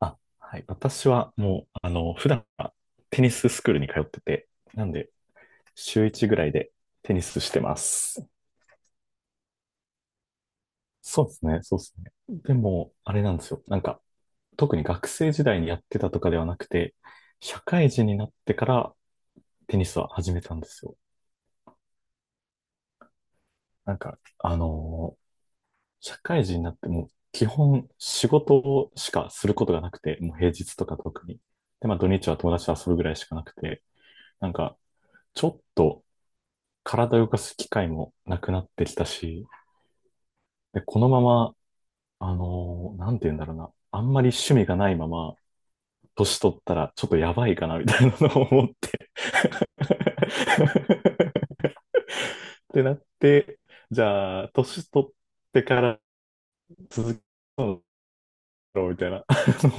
あ、はい。私はもう、普段はテニススクールに通ってて、なんで、週1ぐらいでテニスしてます。そうですね、そうですね。でも、あれなんですよ。なんか、特に学生時代にやってたとかではなくて、社会人になってからテニスは始めたんですよ。なんか、社会人になっても、基本仕事しかすることがなくて、もう平日とか特に。で、まあ土日は友達と遊ぶぐらいしかなくて、なんか、ちょっと体を動かす機会もなくなってきたし、で、このまま、なんて言うんだろうな、あんまり趣味がないまま、年取ったらちょっとやばいかな、みたいなのを思って。ってなって、じゃあ、年取ってから続けろ、みたいな、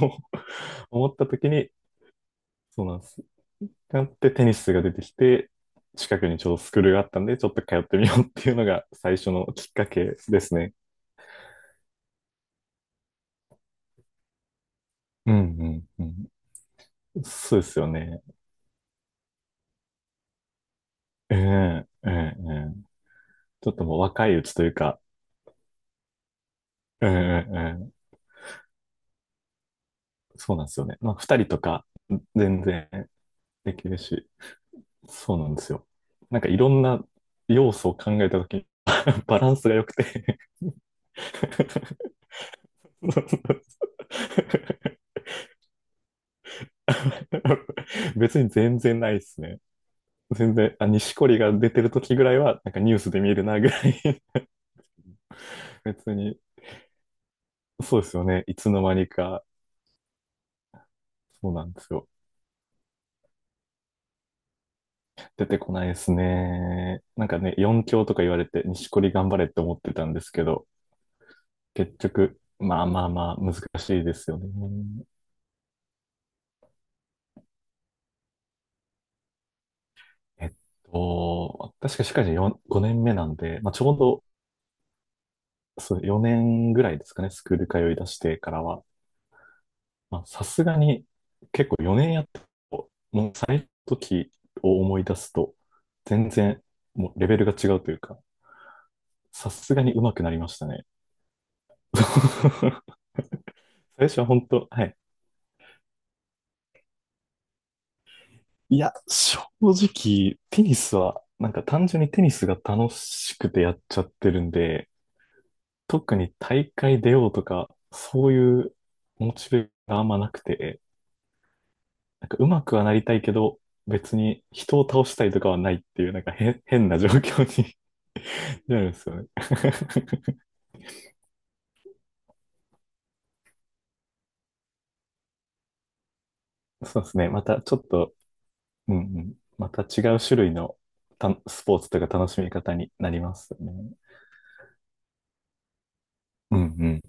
の思った時に、そうなんです。なってテニスが出てきて、近くにちょうどスクールがあったんで、ちょっと通ってみようっていうのが最初のきっかけですね。うんうんうん。そうですよね。ええええええ。ちょっともう若いうちというか、ええええ。そうなんですよね。まあ、二人とか、全然できるし、そうなんですよ。なんかいろんな要素を考えたときに、バランスが良くて。 別に全然ないですね。全然、あ、錦織が出てるときぐらいは、なんかニュースで見るなぐらい。 別に、そうですよね。いつの間にか、そうなんですよ。出てこないですね。なんかね、4強とか言われて、錦織頑張れって思ってたんですけど、結局、まあまあまあ、難しいですよね。えっ確か社会人4 5年目なんで、まあ、ちょうどそう4年ぐらいですかね、スクール通い出してからは。まあ、さすがに、結構4年やっても、もう最初の時を思い出すと、全然、もうレベルが違うというか、さすがに上手くなりましたね。最初は本当、はい、いや、正直、テニスは、なんか単純にテニスが楽しくてやっちゃってるんで、特に大会出ようとか、そういうモチベがあんまなくて、なんか上手くはなりたいけど、別に人を倒したいとかはないっていう、なんか変な状況に なるんですよね。そうですね。またちょっと、うんうん、また違う種類のたスポーツとか楽しみ方になりますよね。うんうん。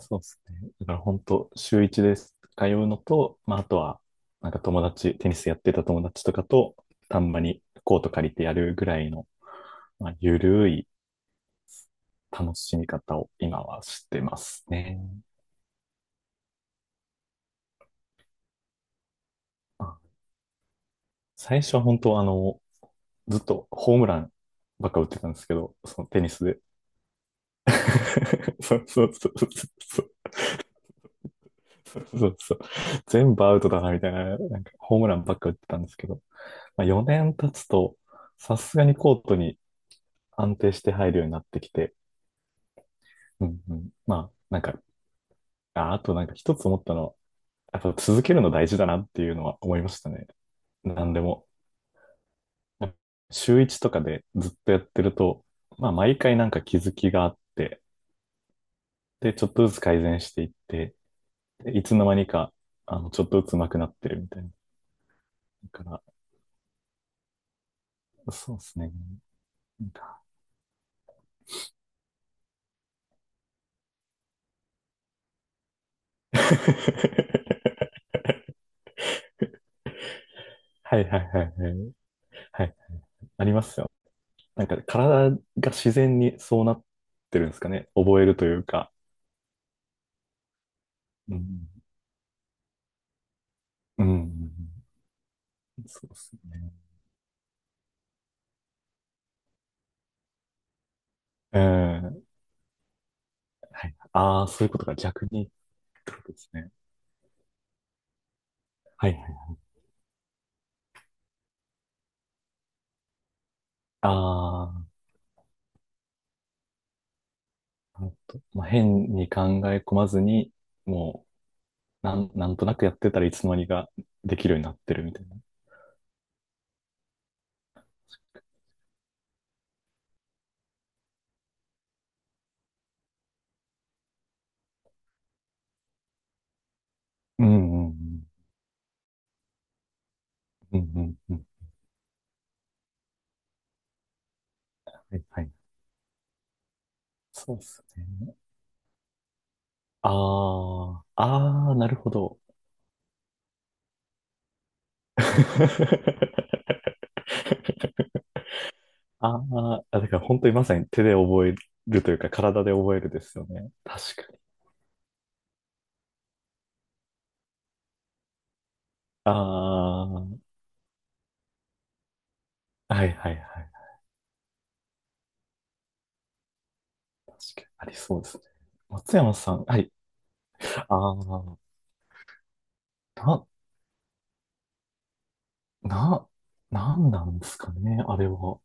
そうですね。だから本当、週一です。通うのと、まあ、あとは、なんか友達、テニスやってた友達とかと、たんまにコート借りてやるぐらいの、まあ、ゆるい楽しみ方を今はしてますね。まあ最初は本当、ずっとホームランばっか打ってたんですけど、そのテニスで。そうそうそうそうそう。そうそう。全部アウトだな、みたいな、なんかホームランばっか打ってたんですけど、まあ、4年経つと、さすがにコートに安定して入るようになってきて、うんうん、まあ、なんか、あ、あとなんか一つ思ったのは、やっぱ続けるの大事だなっていうのは思いましたね。なんでも。週一とかでずっとやってると、まあ、毎回なんか気づきがあって、で、ちょっとずつ改善していって、でいつの間にか、ちょっとずつ上手くなってるみたいな。だから、そうですね。はいはいはいはい。はい。ありますよ。なんか体が自然にそうなってるんですかね。覚えるというか。うん。うん。そうですね。うん。はい。ああ、そういうことか。逆にってことですね。はいはい。ああ、なるほど。まあ、変に考え込まずに、もう、なんとなくやってたらいつの間にかできるようになってるみたいな。うんうんうん。うんうんうん。はいはい。そうですね。ああ、ああ、なるほど。あーあ、だから本当にまさに手で覚えるというか体で覚えるですよね。確か。ああ、はいはいはい。確かにありそうですね。松山さん、はい。ああ、な、な、なんなんですかね、あれは。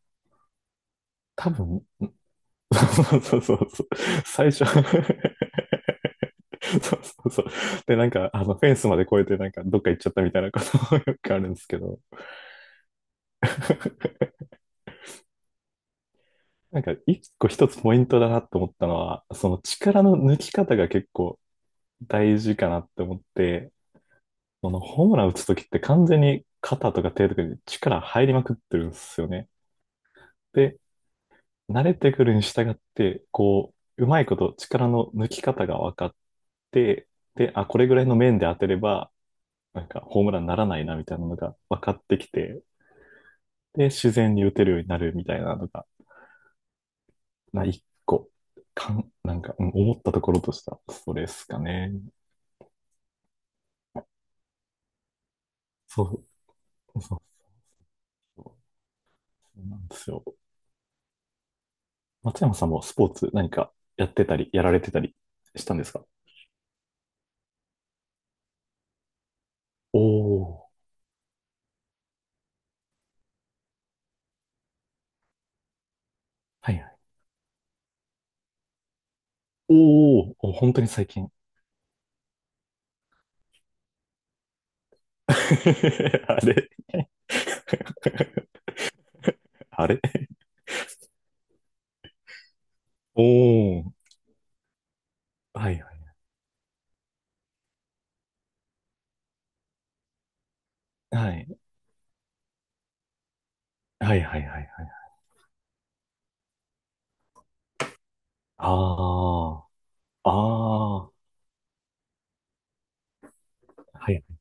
多分、ん。 そうそうそうそう。最初。 そうそうそう。で、なんか、フェンスまで越えて、なんか、どっか行っちゃったみたいなことも、 よくあるんですけど、なんか、一つポイントだなと思ったのは、その力の抜き方が結構大事かなって思って、このホームラン打つときって完全に肩とか手とかに力入りまくってるんですよね。で、慣れてくるに従って、こう、うまいこと力の抜き方が分かって、で、あ、これぐらいの面で当てれば、なんかホームランにならないなみたいなのが分かってきて、で、自然に打てるようになるみたいなのが、まあ、一個、なんか、うん思ったところとしたストレスかね。そう、そう、そうなんですよ。松山さんもスポーツ何かやってたり、やられてたりしたんですか？おお、はいはい。おーお、本当に最近。あれ。 あれ。おお、はいはい。はい。はいはいはいはい。ああ、ああ、はい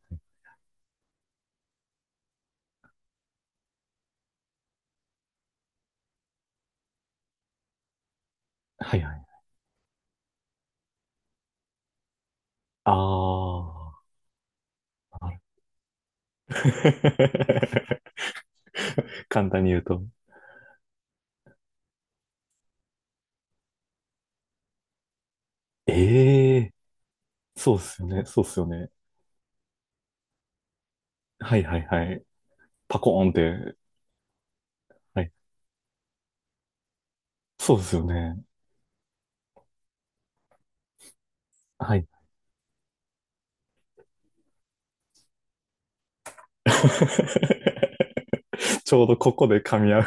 はいはい。ああ、簡単に言うと。ええー、そうっすよね、そうっすよね。はいはいはい。パコーンって、はい。そうっすよね。はい。ちょうどここで噛み合う。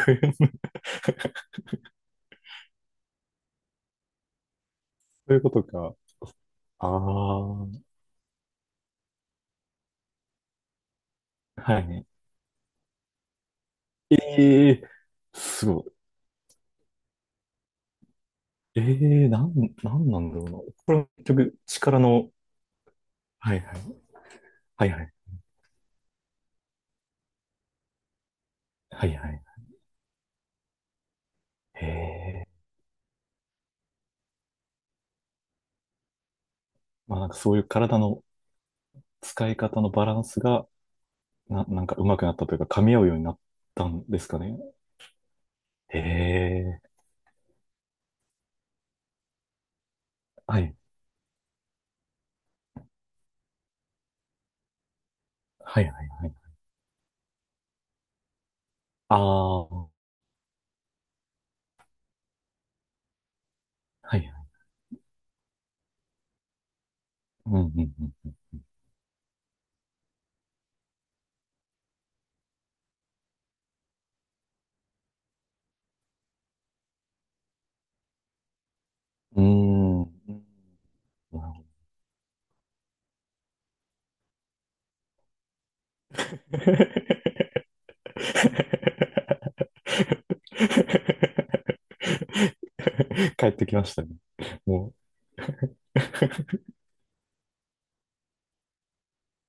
そういうことか。ああ、はいね。ええー、すごい。ええー、なんなんだろうな。これ結局、力の、はいはい。はいはい。はいはい。ええー、まあなんかそういう体の使い方のバランスが、なんか上手くなったというか、噛み合うようになったんですかね。ええー、はい。はいはいはい。ああ、はいはい。うんうんうん。うーん。なるほど。帰ってきましたね。もう。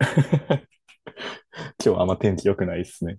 今日はあんま天気良くないですね。